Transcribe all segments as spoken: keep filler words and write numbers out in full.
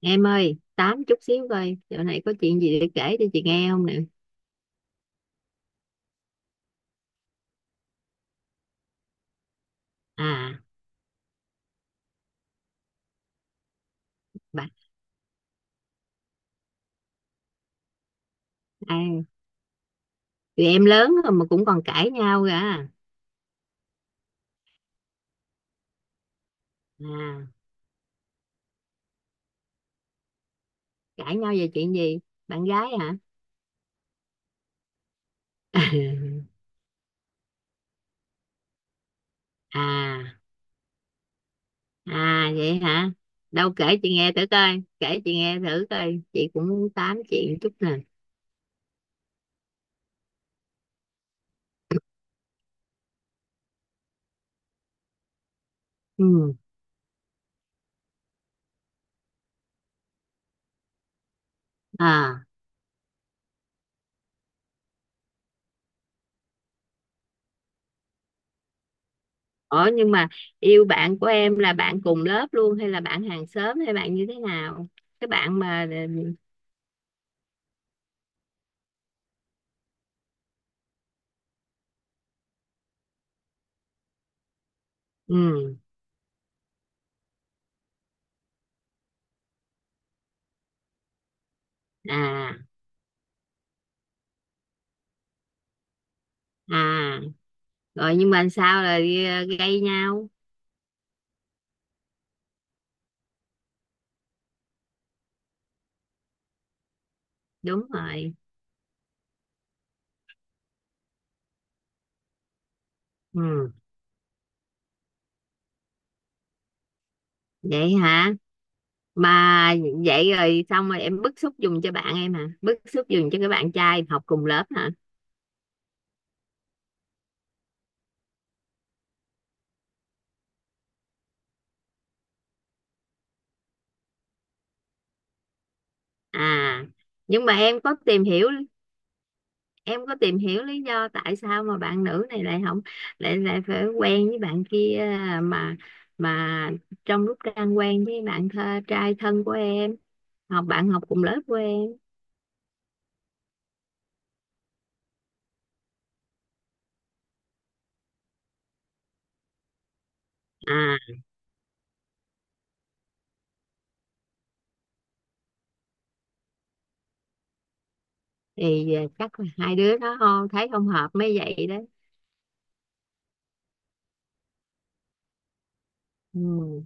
Em ơi, tám chút xíu coi, chỗ này có chuyện gì để kể cho chị nghe không nè. À, bà, à, tụi em lớn rồi mà cũng còn cãi nhau cả. À, À, cãi nhau về chuyện gì? Bạn gái hả? À, à vậy hả? Đâu kể chị nghe thử coi, kể chị nghe thử coi. Chị cũng muốn tám chuyện chút nè. Ừ, à, ủa nhưng mà yêu bạn của em là bạn cùng lớp luôn hay là bạn hàng xóm hay bạn như thế nào? Cái bạn mà, ừ, à, à. Rồi nhưng mà sao là gây nhau. Đúng rồi. Ừ. Vậy hả? Mà vậy rồi xong rồi em bức xúc dùng cho bạn em hả, bức xúc dùng cho cái bạn trai học cùng lớp hả? À, nhưng mà em có tìm hiểu em có tìm hiểu lý do tại sao mà bạn nữ này lại không, lại lại phải quen với bạn kia, mà mà trong lúc đang quen với bạn thơ, trai thân của em, học bạn học cùng lớp của em. À, thì chắc là hai đứa nó không thấy không hợp mới vậy đó. Ừ.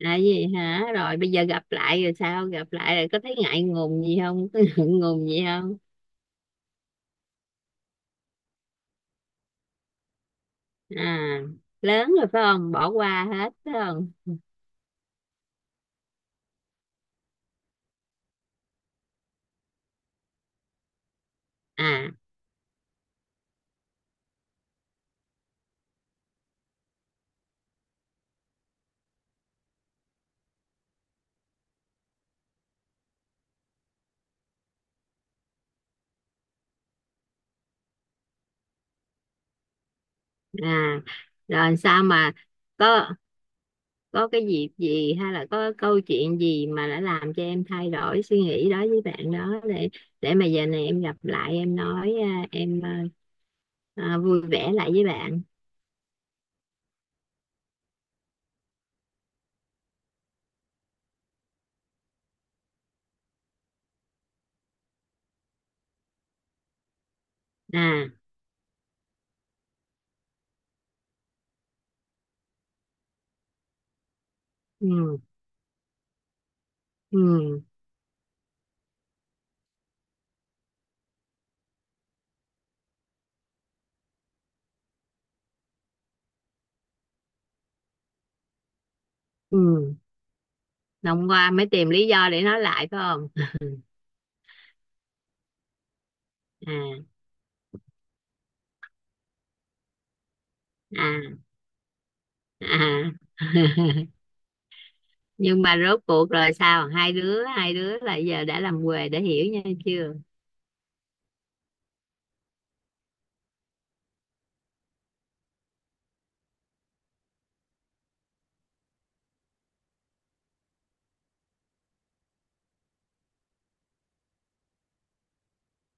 À gì hả? Rồi bây giờ gặp lại rồi, sao gặp lại rồi có thấy ngại ngùng gì không, có ngượng ngùng gì không? À, lớn rồi phải không, bỏ qua hết phải không? À, à, rồi sao mà có có cái dịp gì hay là có câu chuyện gì mà đã làm cho em thay đổi suy nghĩ đó với bạn đó, để để mà giờ này em gặp lại em nói à, em à, à, vui vẻ lại với bạn. À, ừ, ừ, ừ, hôm qua mới tìm lý do để nói lại phải không? À, à, à, nhưng mà rốt cuộc rồi sao, hai đứa hai đứa là giờ đã làm quề để hiểu nhau chưa?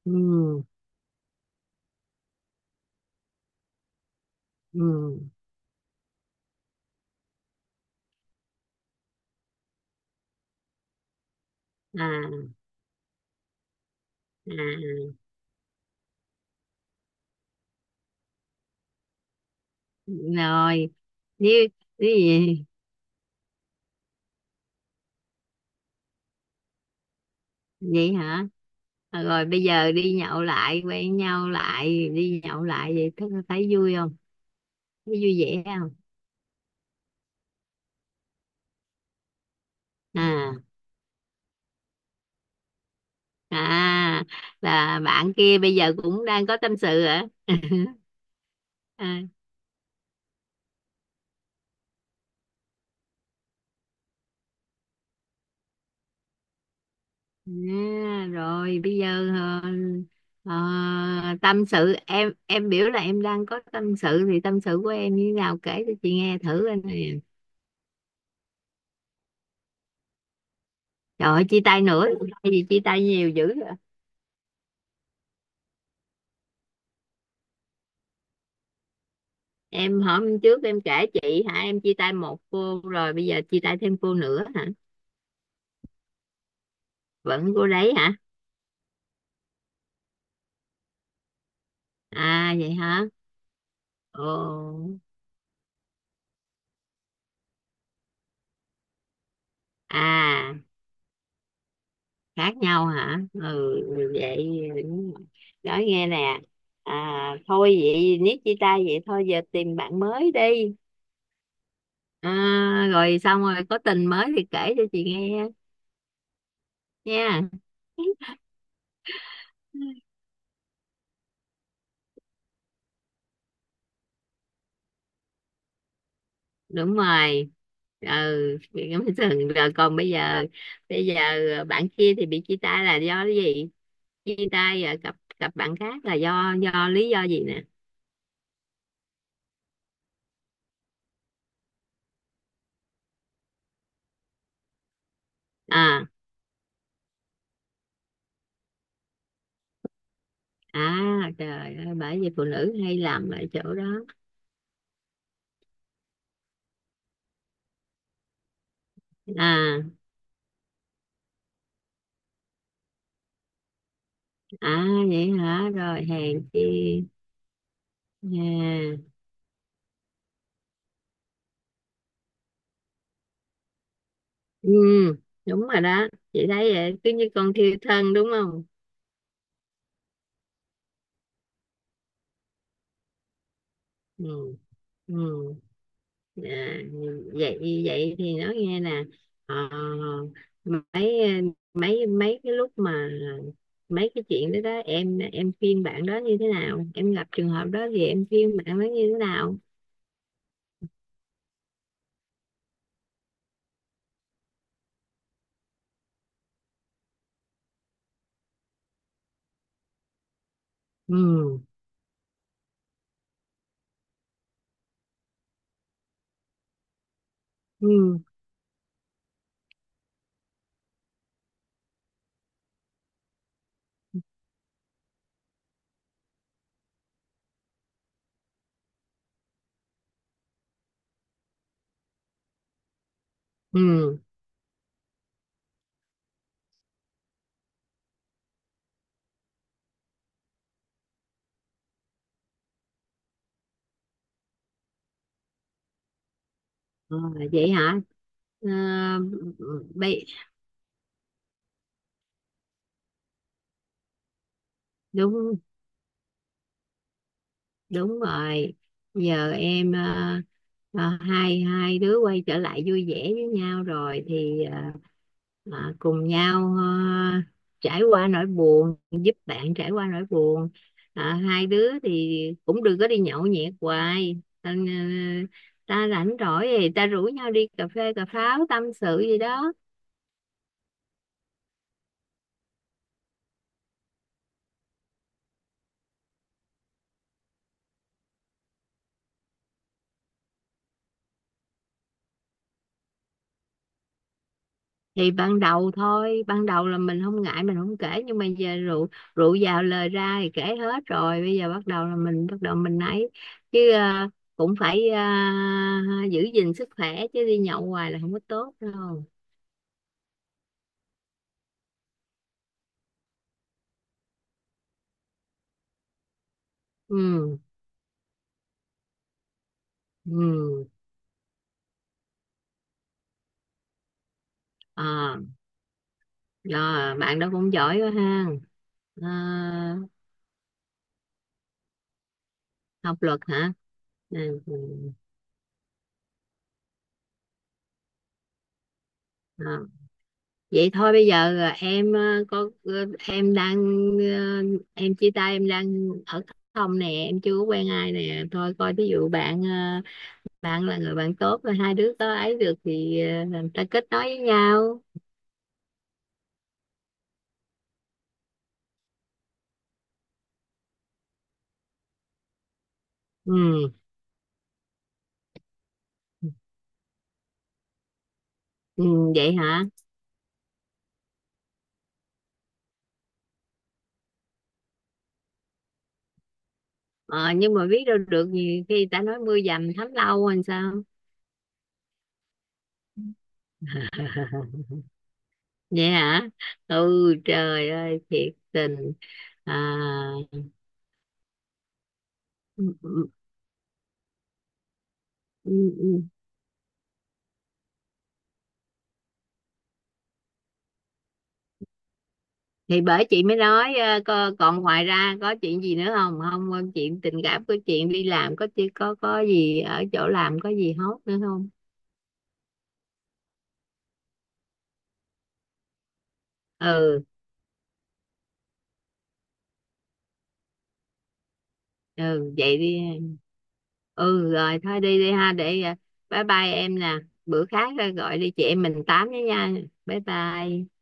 Ừ, ừ, à, à, à. Rồi như cái gì vậy hả? À, rồi bây giờ đi nhậu lại, quen nhau lại đi nhậu lại, vậy thấy thấy vui không, thấy vui vẻ không? À, à, là bạn kia bây giờ cũng đang có tâm sự hả? À, À, rồi bây giờ ờ, ờ, tâm sự, em em biểu là em đang có tâm sự thì tâm sự của em như thế nào, kể cho chị nghe thử anh nè. Trời ơi, chia tay nữa. Hay gì chia tay nhiều dữ vậy? Em hôm trước em kể chị hả, em chia tay một cô rồi bây giờ chia tay thêm cô nữa hả? Vẫn cô đấy hả? À vậy hả? Ồ. À khác nhau hả? Ừ vậy. Đúng, nói nghe nè. À, thôi vậy nếu chia tay vậy thôi giờ tìm bạn mới đi. À, rồi xong rồi có tình mới thì kể cho chị nghe nha. Đúng rồi. Ừ. Thường rồi, còn bây giờ bây giờ bạn kia thì bị chia tay là do cái gì? Chia tay rồi cặp cặp bạn khác là do do lý do gì nè? À, à, trời ơi, bởi vì phụ nữ hay làm ở chỗ đó. À, à, vậy hả, rồi hèn chi. À, ừ, đúng rồi đó. Chị thấy vậy cứ như con thiêu thân đúng không? Ừ, ừ, à, vậy vậy thì nói nghe nè. ờ, mấy mấy mấy cái lúc mà mấy cái chuyện đó đó em em khuyên bạn đó như thế nào, em gặp trường hợp đó thì em khuyên bạn đó như thế nào? Ừ, ừ, ừ. Ờ, vậy hả. Ờ, bây đúng đúng rồi. Giờ em ờ, ờ, hai hai đứa quay trở lại vui vẻ với nhau rồi thì ờ, ờ, cùng nhau ờ, trải qua nỗi buồn, giúp bạn trải qua nỗi buồn. Ờ, hai đứa thì cũng đừng có đi nhậu nhẹt hoài ta, ta rảnh rỗi thì ta rủ nhau đi cà phê cà pháo tâm sự gì đó. Thì ban đầu thôi, ban đầu là mình không ngại mình không kể nhưng mà giờ rượu rượu vào lời ra thì kể hết rồi, bây giờ bắt đầu là mình bắt đầu mình ấy. Chứ ờ, cũng phải ờ, giữ gìn sức khỏe chứ đi nhậu hoài là không có tốt đâu. Ừ, ừ, à, rồi bạn đó cũng giỏi quá ha. Ờ, học luật hả? Ừ. Ừ. Ờ. Vậy thôi bây giờ à, em à, có à, em đang à, em chia tay em đang ở không nè, em chưa có quen ai nè thôi coi ví dụ bạn à, bạn là người bạn tốt rồi hai đứa có ấy được thì à, làm ta kết nối với nhau. Ừ, ừ vậy hả. ờ, nhưng mà biết đâu được gì khi người ta nói mưa dầm thấm lâu làm sao. Vậy hả. Ừ, trời ơi thiệt tình. À, ừ, ừ, ừ, ừ. Thì bởi chị mới nói ờ, co- còn ngoài ra có chuyện gì nữa không không ờ, chuyện tình cảm, có chuyện đi làm, có chi- có có gì ở chỗ làm có gì hốt nữa không? Ừ, ừ, vậy đi em. Ừ rồi thôi đi đi ha, để ờ, bye bye em nè. Bữa khác ờ, gọi đi chị em mình tám với nha. Bye bye.